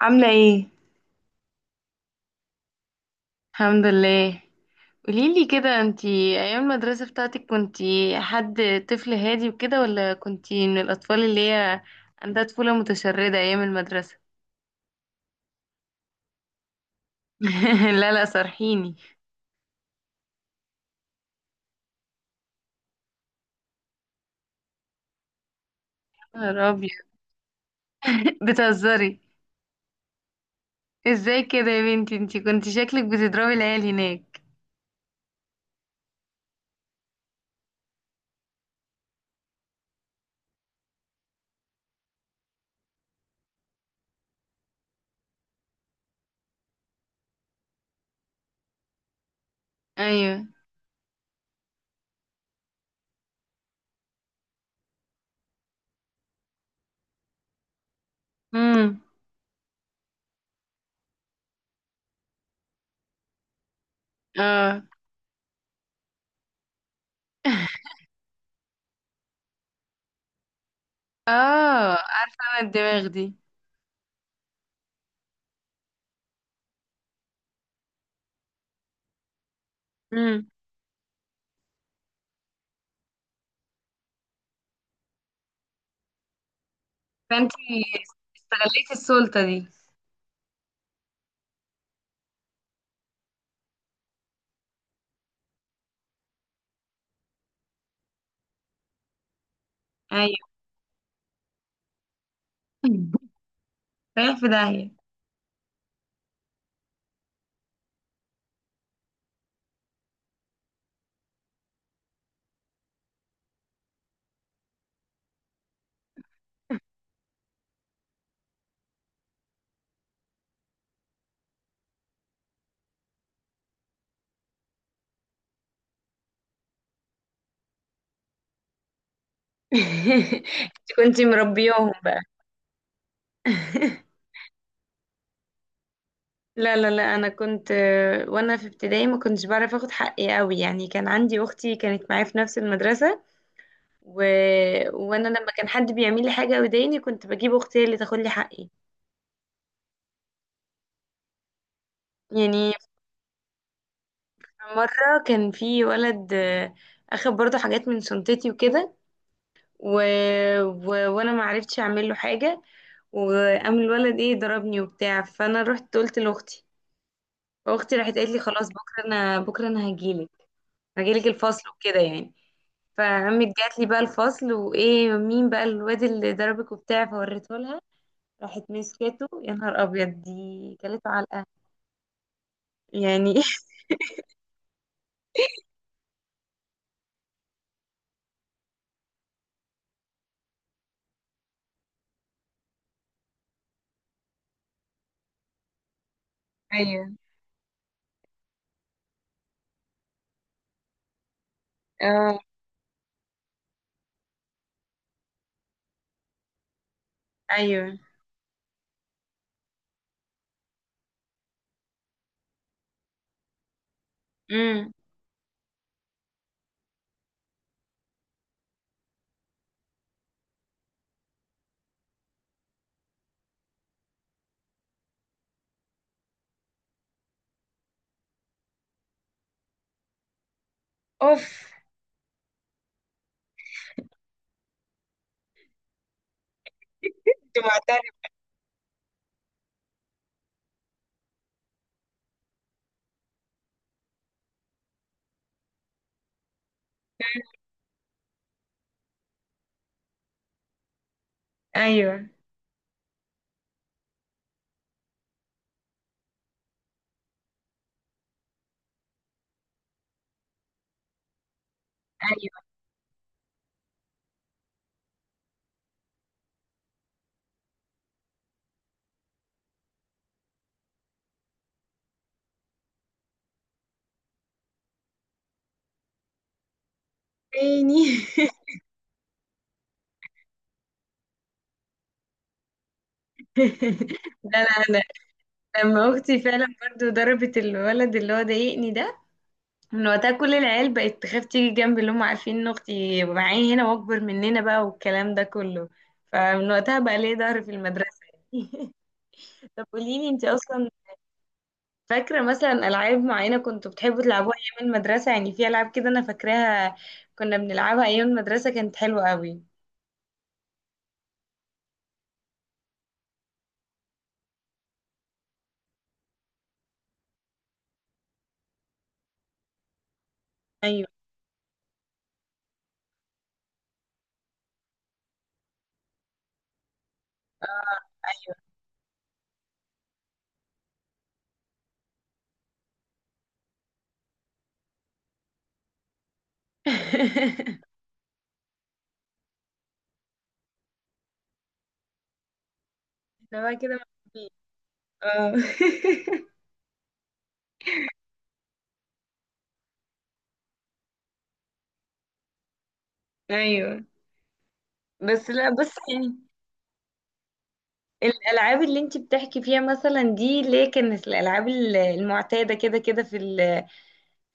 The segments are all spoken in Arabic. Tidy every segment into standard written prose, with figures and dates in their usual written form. عاملة ايه؟ الحمد لله. قوليلي كده، انتي ايام المدرسة بتاعتك كنتي حد طفل هادي وكده، ولا كنتي من الأطفال اللي هي عندها طفولة متشردة ايام المدرسة؟ لا لا، صرحيني. يا ربي. بتهزري. ازاي كده يا بنتي؟ انتي كنتي شكلك بتضربي العيال هناك. ايوه. امم. اه. اه، عارفة انا الدماغ دي. امم فانتي استغليتي السلطة دي. ايوه. رايح في داهية. انت كنتي مربياهم بقى. لا لا لا، انا كنت، وانا في ابتدائي ما كنتش بعرف اخد حقي قوي، يعني كان عندي اختي كانت معايا في نفس المدرسة. و... وانا لما كان حد بيعمل لي حاجة ويضايقني كنت بجيب اختي هي اللي تاخد لي حقي، يعني. في مرة كان في ولد، اخد برضو حاجات من شنطتي وكده. و... وانا ما عرفتش اعمل له حاجة، وقام الولد ايه ضربني وبتاع، فانا رحت قلت لاختي، واختي راحت قالت لي: خلاص بكره، انا بكره انا هجيلك، هجيلك الفصل وكده يعني. فقامت جات لي بقى الفصل وايه مين بقى الواد اللي ضربك وبتاع، فوريته لها. راحت مسكته، يا نهار ابيض دي كلته علقه يعني. ايوه. اه. ايوه. امم. اوف. كنت معترف. ايوه. ايوه. تاني. لا لا لا. لما اختي فعلا برضو ضربت الولد اللي هو ضايقني ده، من وقتها كل العيال بقت تخاف تيجي جنبي، اللي هم عارفين ان اختي معايا هنا واكبر مننا بقى والكلام ده كله. فمن وقتها بقى ليه ظهر في المدرسة، يعني. طب قوليلي انت اصلا، فاكرة مثلا العاب معينة كنتوا بتحبوا تلعبوها ايام المدرسة؟ يعني في العاب كده انا فاكراها كنا بنلعبها ايام المدرسة كانت حلوة قوي. ايوه. احنا بقى كده مبسوطين. اه. ايوه. بس لا، بص يعني، الالعاب اللي انت بتحكي فيها مثلا دي ليه كانت الالعاب المعتاده كده كده، في ال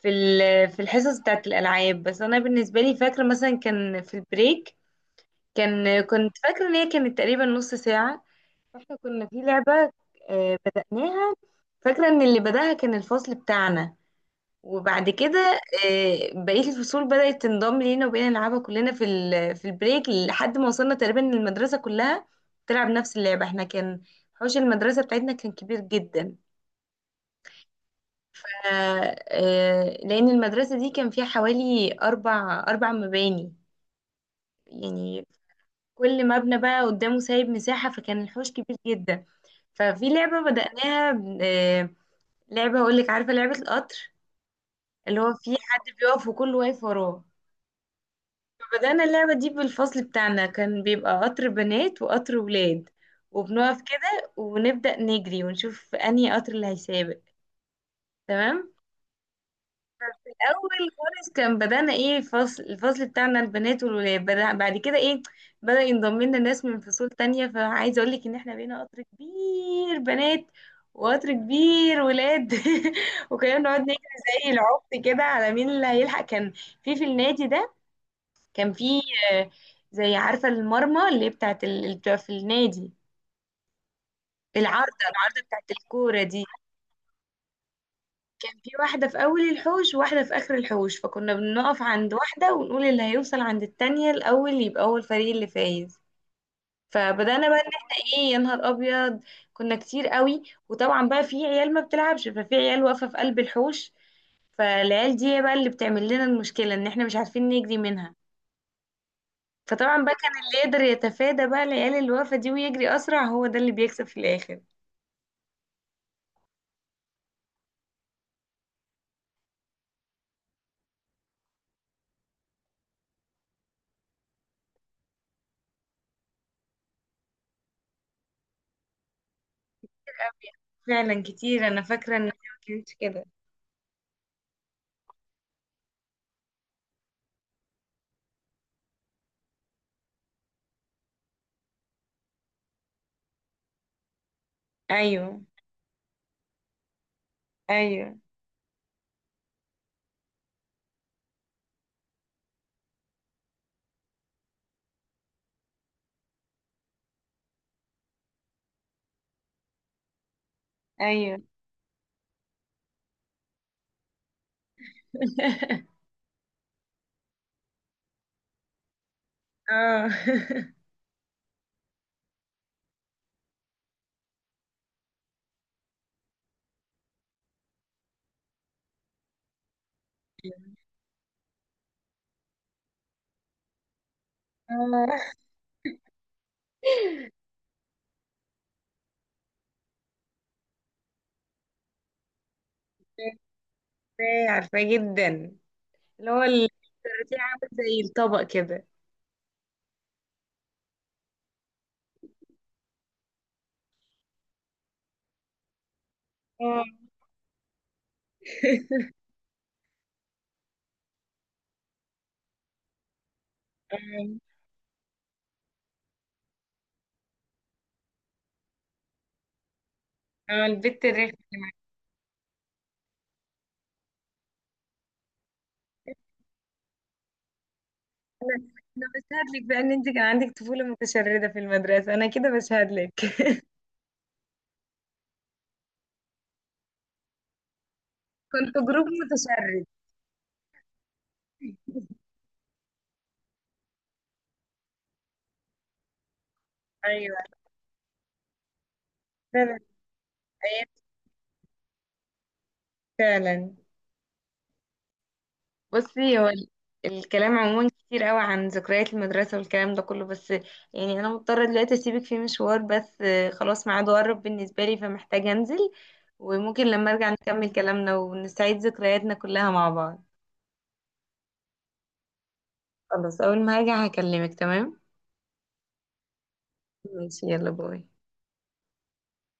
في ال في الحصص بتاعت الالعاب. بس انا بالنسبه لي فاكره مثلا كان في البريك، كان كنت فاكره ان هي كانت تقريبا نص ساعه. فاحنا كنا في لعبه، بدأناها. فاكره ان اللي بدأها كان الفصل بتاعنا، وبعد كده، بقية الفصول بدأت تنضم لينا وبقينا نلعبها كلنا في في البريك لحد ما وصلنا تقريبا إن المدرسة كلها تلعب نفس اللعبة. احنا كان حوش المدرسة بتاعتنا كان كبير جدا، لأن المدرسة دي كان فيها حوالي أربع مباني يعني. كل مبنى بقى قدامه سايب مساحة، فكان الحوش كبير جدا. ففي لعبة بدأناها، لعبة هقولك، عارفة لعبة القطر؟ اللي هو في حد بيقف وكله واقف وراه. بدأنا اللعبة دي بالفصل بتاعنا، كان بيبقى قطر بنات وقطر ولاد، وبنقف كده ونبدأ نجري ونشوف أنهي قطر اللي هيسابق. تمام. الأول خالص كان بدأنا إيه الفصل بتاعنا البنات والولاد بدأ، بعد كده إيه بدأ ينضم لنا ناس من فصول تانية، فعايزة أقولك إن إحنا بقينا قطر كبير بنات وقطر كبير ولاد. وكنا بنقعد نجري زي العبط كده على مين اللي هيلحق. كان في النادي ده كان في، آه، زي عارفة المرمى اللي هي اللي بتبقى في النادي، العارضة بتاعت الكورة دي. كان في واحدة في أول الحوش وواحدة في آخر الحوش، فكنا بنقف عند واحدة ونقول اللي هيوصل عند التانية الأول يبقى هو الفريق اللي فايز. فبدأنا بقى إن احنا إيه، يا نهار أبيض كنا كتير قوي. وطبعا بقى في عيال ما بتلعبش، ففي عيال واقفة في قلب الحوش، فالعيال دي هي بقى اللي بتعمل لنا المشكلة إن احنا مش عارفين نجري منها. فطبعا بقى كان اللي يقدر يتفادى بقى العيال الوقفة دي ويجري أسرع هو ده اللي بيكسب في الآخر. فعلا كتير. أنا فاكرة إن هي ما كانتش كده. أيوه. أيوه. أيوه. اه. اه. عارفاه. عارفاه جدا. اللي هو الكاراتيه عامل زي الطبق كده. اه. اه. البت الرخمة. أنا أنا بشهد لك بقى إن أنت كان عندك طفولة متشردة في المدرسة، أنا كده بشهد لك. كنت جروب متشرد. أيوه فعلا. أيام، فعلا. بصي هو الكلام عموما كتير قوي عن ذكريات المدرسة والكلام ده كله، بس يعني أنا مضطرة دلوقتي أسيبك في مشوار بس، خلاص ميعاده قرب بالنسبة لي، فمحتاجة أنزل، وممكن لما أرجع نكمل كلامنا ونستعيد ذكرياتنا كلها مع بعض. خلاص، أول ما أرجع هكلمك، تمام؟ ماشي، يلا باي.